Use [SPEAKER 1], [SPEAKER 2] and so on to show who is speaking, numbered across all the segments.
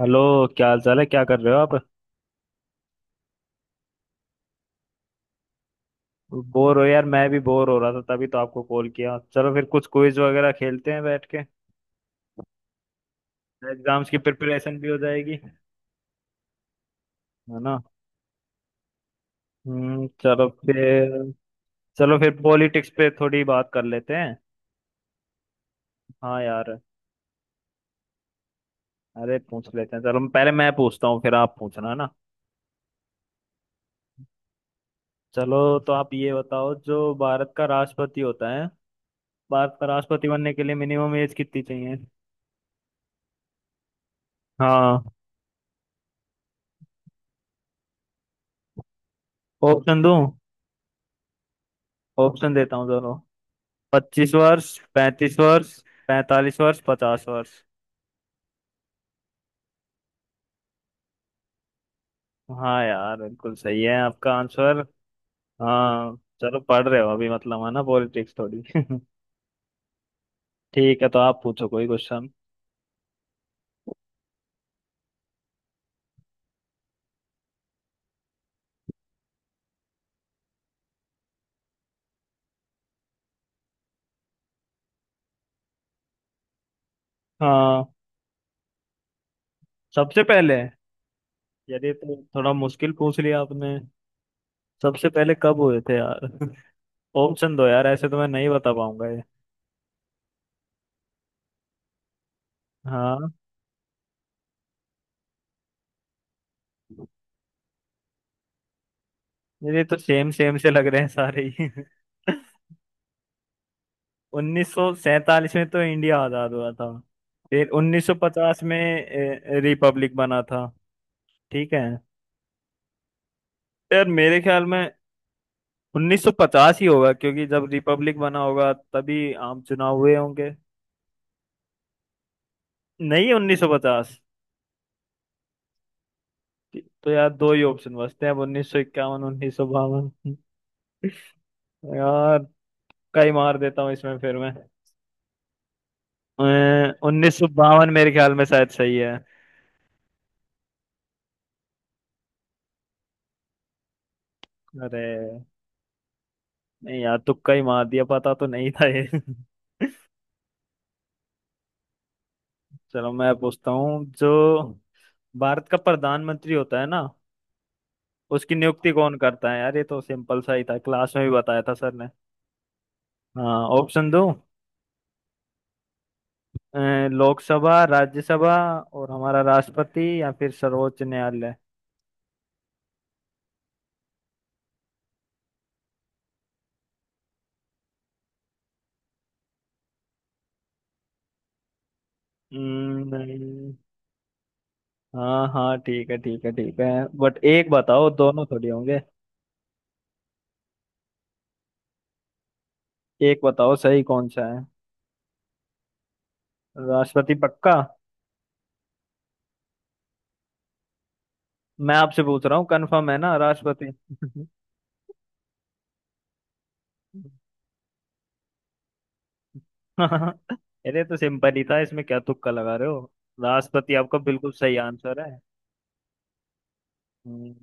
[SPEAKER 1] Hello. क्या हाल चाल है? क्या कर रहे हो आप? बोर हो यार? मैं भी बोर हो रहा था तभी तो आपको कॉल किया। चलो फिर कुछ क्विज वगैरह खेलते हैं बैठ के। एग्जाम्स की प्रिपरेशन भी हो जाएगी। है ना? हम्म चलो फिर चलो फिर पॉलिटिक्स पे थोड़ी बात कर लेते हैं। हाँ यार। अरे, पूछ लेते हैं चलो। पहले मैं पूछता हूँ फिर आप पूछना, है ना? चलो, तो आप ये बताओ, जो भारत का राष्ट्रपति होता है, भारत का राष्ट्रपति बनने के लिए मिनिमम एज कितनी चाहिए? हाँ। ऑप्शन दूं? ऑप्शन देता हूँ चलो। 25 वर्ष, 35 वर्ष, 45 वर्ष, 50 वर्ष। हाँ यार बिल्कुल सही है आपका आंसर। हाँ। चलो पढ़ रहे हो अभी मतलब, है ना? पॉलिटिक्स थोड़ी। ठीक है, तो आप पूछो कोई क्वेश्चन। हाँ, सबसे पहले। यदि तो थोड़ा मुश्किल पूछ लिया आपने। सबसे पहले कब हुए थे यार? ऑप्शन दो यार, ऐसे तो मैं नहीं बता पाऊंगा ये। हाँ, ये तो सेम सेम से लग रहे हैं सारे ही। 1947 में तो इंडिया आजाद हुआ था। फिर 1950 में रिपब्लिक बना था। ठीक है। यार मेरे ख्याल में 1950 ही होगा, क्योंकि जब रिपब्लिक बना होगा तभी आम चुनाव हुए होंगे। नहीं 1950। तो यार दो ही ऑप्शन बचते हैं अब, 1951, 1952। यार कई मार देता हूँ इसमें फिर मैं। 1952 मेरे ख्याल में शायद सही है। अरे नहीं यार, तुक्का ही मार दिया, पता तो नहीं था ये। चलो मैं पूछता हूँ। जो भारत का प्रधानमंत्री होता है ना, उसकी नियुक्ति कौन करता है? यार ये तो सिंपल सा ही था, क्लास में भी बताया था सर ने। हाँ ऑप्शन दो। अ, लोकसभा, राज्यसभा, और हमारा राष्ट्रपति, या फिर सर्वोच्च न्यायालय। नहीं। हाँ, हाँ, ठीक है, ठीक है, ठीक है। बट एक बताओ, दोनों थोड़ी होंगे। एक बताओ सही कौन सा है। राष्ट्रपति? पक्का? मैं आपसे पूछ रहा हूँ, कंफर्म है ना? राष्ट्रपति। अरे तो सिंपल ही था इसमें, क्या तुक्का लगा रहे हो? राष्ट्रपति आपका बिल्कुल सही आंसर है। हम्म,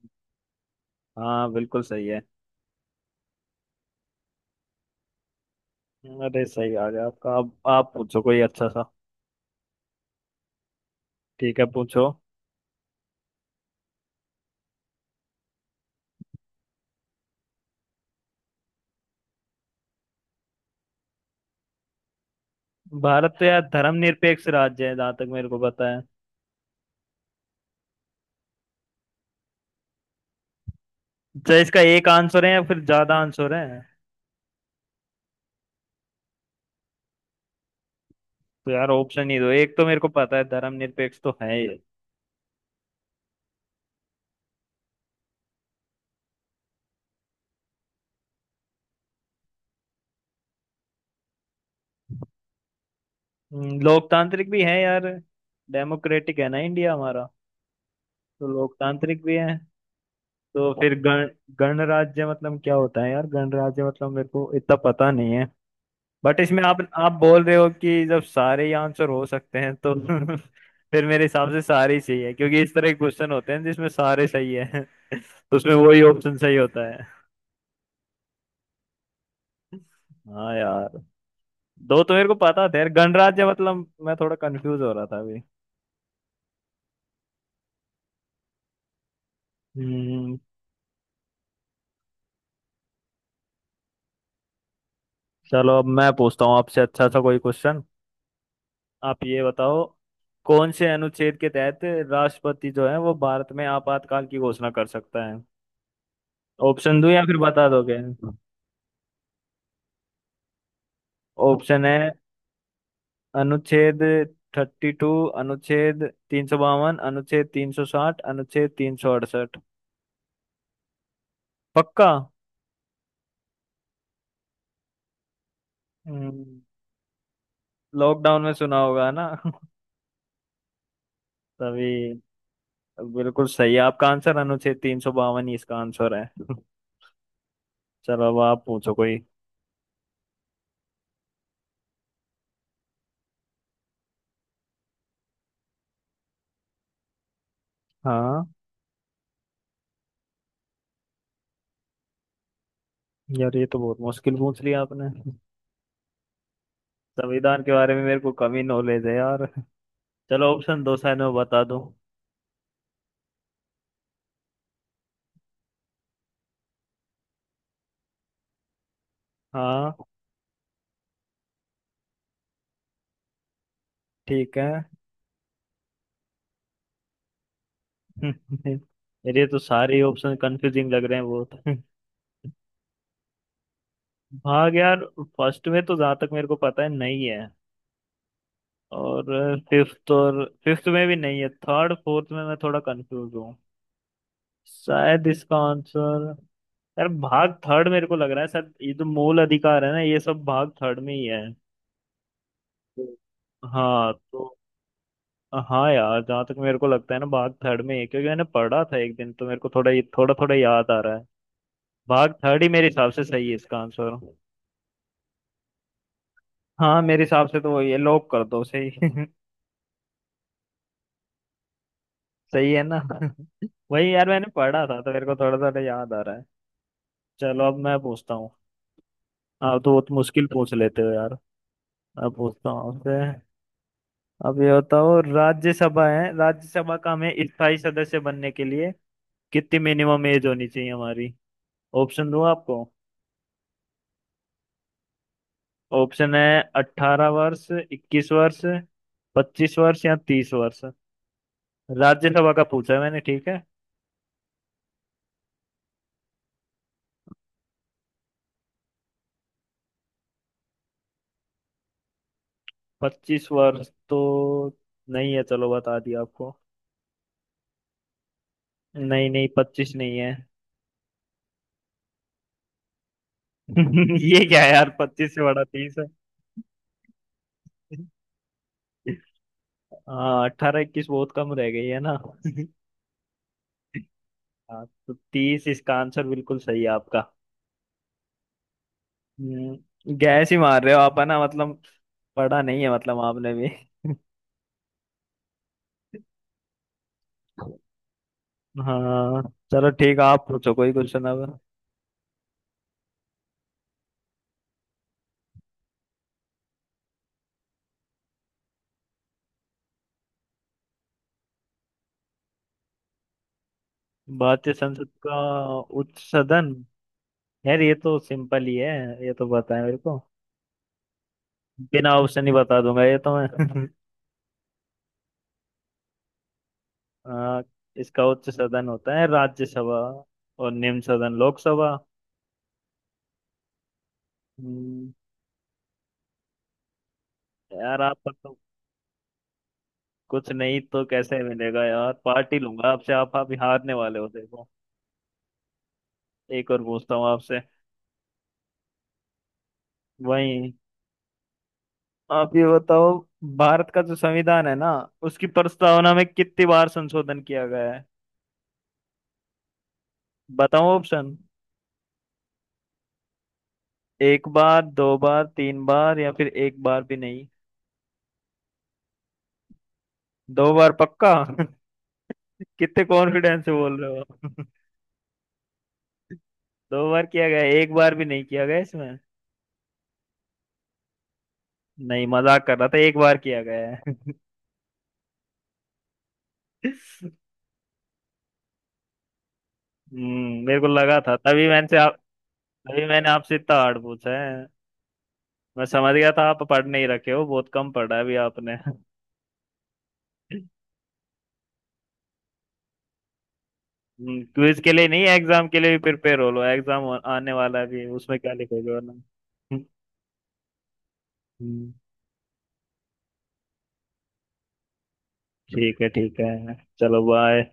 [SPEAKER 1] हाँ बिल्कुल सही है। अरे सही आ गया आपका। अब आप पूछो कोई अच्छा सा। ठीक है, पूछो। भारत तो यार धर्मनिरपेक्ष राज्य है जहां तक मेरे को पता है। चाहे इसका एक आंसर है या फिर ज्यादा आंसर है? तो यार ऑप्शन ही दो, एक तो मेरे को पता है धर्मनिरपेक्ष तो है ये। लोकतांत्रिक भी है यार। डेमोक्रेटिक है ना इंडिया हमारा। तो लोकतांत्रिक भी है। तो फिर गण गणराज्य मतलब क्या होता है यार? गणराज्य मतलब मेरे को इतना पता नहीं है। बट इसमें आप बोल रहे हो कि जब सारे ही आंसर हो सकते हैं तो, फिर मेरे हिसाब से सारे ही सही है, क्योंकि इस तरह के क्वेश्चन होते हैं जिसमें सारे सही है। तो उसमें वही ऑप्शन सही होता है। हाँ यार, दो तो मेरे को पता था यार, गणराज्य मतलब मैं थोड़ा कंफ्यूज हो रहा था अभी। हम्म। चलो, अब मैं पूछता हूँ आपसे अच्छा सा कोई क्वेश्चन। आप ये बताओ, कौन से अनुच्छेद के तहत राष्ट्रपति जो है वो भारत में आपातकाल की घोषणा कर सकता है? ऑप्शन दूं या फिर बता दोगे? ऑप्शन है। अनुच्छेद 32, अनुच्छेद 352, अनुच्छेद 360, अनुच्छेद 368। पक्का? हम्म, लॉकडाउन में सुना होगा ना? तभी बिल्कुल सही है आपका आंसर, अनुच्छेद 352 ही इसका आंसर है। चलो अब आप पूछो कोई। हाँ यार ये तो बहुत मुश्किल पूछ लिया आपने। संविधान के बारे में मेरे को कम ही नॉलेज है यार। चलो ऑप्शन दो, साइड में बता दो। हाँ ठीक है। मेरे तो सारे ऑप्शन कंफ्यूजिंग लग रहे हैं बहुत। भाग यार फर्स्ट में तो जहाँ तक मेरे को पता है नहीं है, और फिफ्थ में भी नहीं है। थर्ड फोर्थ में मैं थोड़ा कंफ्यूज हूँ, शायद इसका आंसर। यार भाग थर्ड मेरे को लग रहा है, शायद ये जो मूल अधिकार है ना, ये सब भाग थर्ड में ही है। तो- हाँ तो। हाँ यार जहाँ तक मेरे को लगता है ना, भाग थर्ड में ही है, क्योंकि मैंने पढ़ा था एक दिन, तो मेरे को थोड़ा थोड़ा थोड़ा याद आ रहा है। भाग थर्ड ही मेरे हिसाब से सही है इसका आंसर। हाँ मेरे हिसाब से तो वही है, लॉक कर दो सही। सही है ना? वही यार मैंने पढ़ा था तो मेरे को थोड़ा थोड़ा याद आ रहा है। चलो अब मैं पूछता हूँ। आप तो बहुत मुश्किल पूछ लेते हो यार। अब पूछता हूँ आपसे। अब ये बताओ, राज्यसभा का हमें स्थायी सदस्य बनने के लिए कितनी मिनिमम एज होनी चाहिए हमारी? ऑप्शन दूँ आपको? ऑप्शन है। 18 वर्ष, 21 वर्ष, 25 वर्ष या 30 वर्ष। राज्यसभा का पूछा है मैंने, ठीक है? 25 वर्ष तो नहीं है, चलो बता दिया आपको। नहीं नहीं, 25 नहीं है। ये क्या है यार, 25 से बड़ा 30 है? हाँ, 18 21 बहुत कम रह गई है ना? हाँ तो 30 इसका आंसर बिल्कुल सही है आपका। गैस ही मार रहे हो आप है ना मतलब, पढ़ा नहीं है मतलब आपने भी। हाँ, चलो ठीक है, आप पूछो कोई क्वेश्चन अब। भारतीय संसद का उच्च सदन? यार ये तो सिंपल ही है, ये तो पता है मेरे को। बिना ऑप्शन ही बता दूंगा ये तो मैं। आ, इसका उच्च सदन होता है राज्यसभा, और निम्न सदन लोकसभा। हम्म। यार आप पर तो कुछ नहीं तो कैसे मिलेगा यार? पार्टी लूंगा आपसे, आप हारने वाले हो देखो। एक और पूछता हूँ आपसे। वही, आप ये बताओ, भारत का जो संविधान है ना, उसकी प्रस्तावना में कितनी बार संशोधन किया गया है? बताओ ऑप्शन। एक बार, दो बार, तीन बार, या फिर एक बार भी नहीं। दो बार पक्का? कितने कॉन्फिडेंस से बोल रहे हो आप? दो बार किया गया है, एक बार भी नहीं किया गया इसमें? नहीं, मजाक कर रहा था, एक बार किया गया है। मेरे को लगा था, तभी मैंने आपसे इतना हार्ड पूछा है। मैं समझ गया था आप पढ़ नहीं रखे हो, बहुत कम पढ़ा है अभी आपने। क्विज के लिए नहीं, एग्जाम के लिए भी प्रिपेयर हो लो। एग्जाम आने वाला है भी, उसमें क्या लिखोगे वरना? हम्म, ठीक है ठीक है, चलो बाय।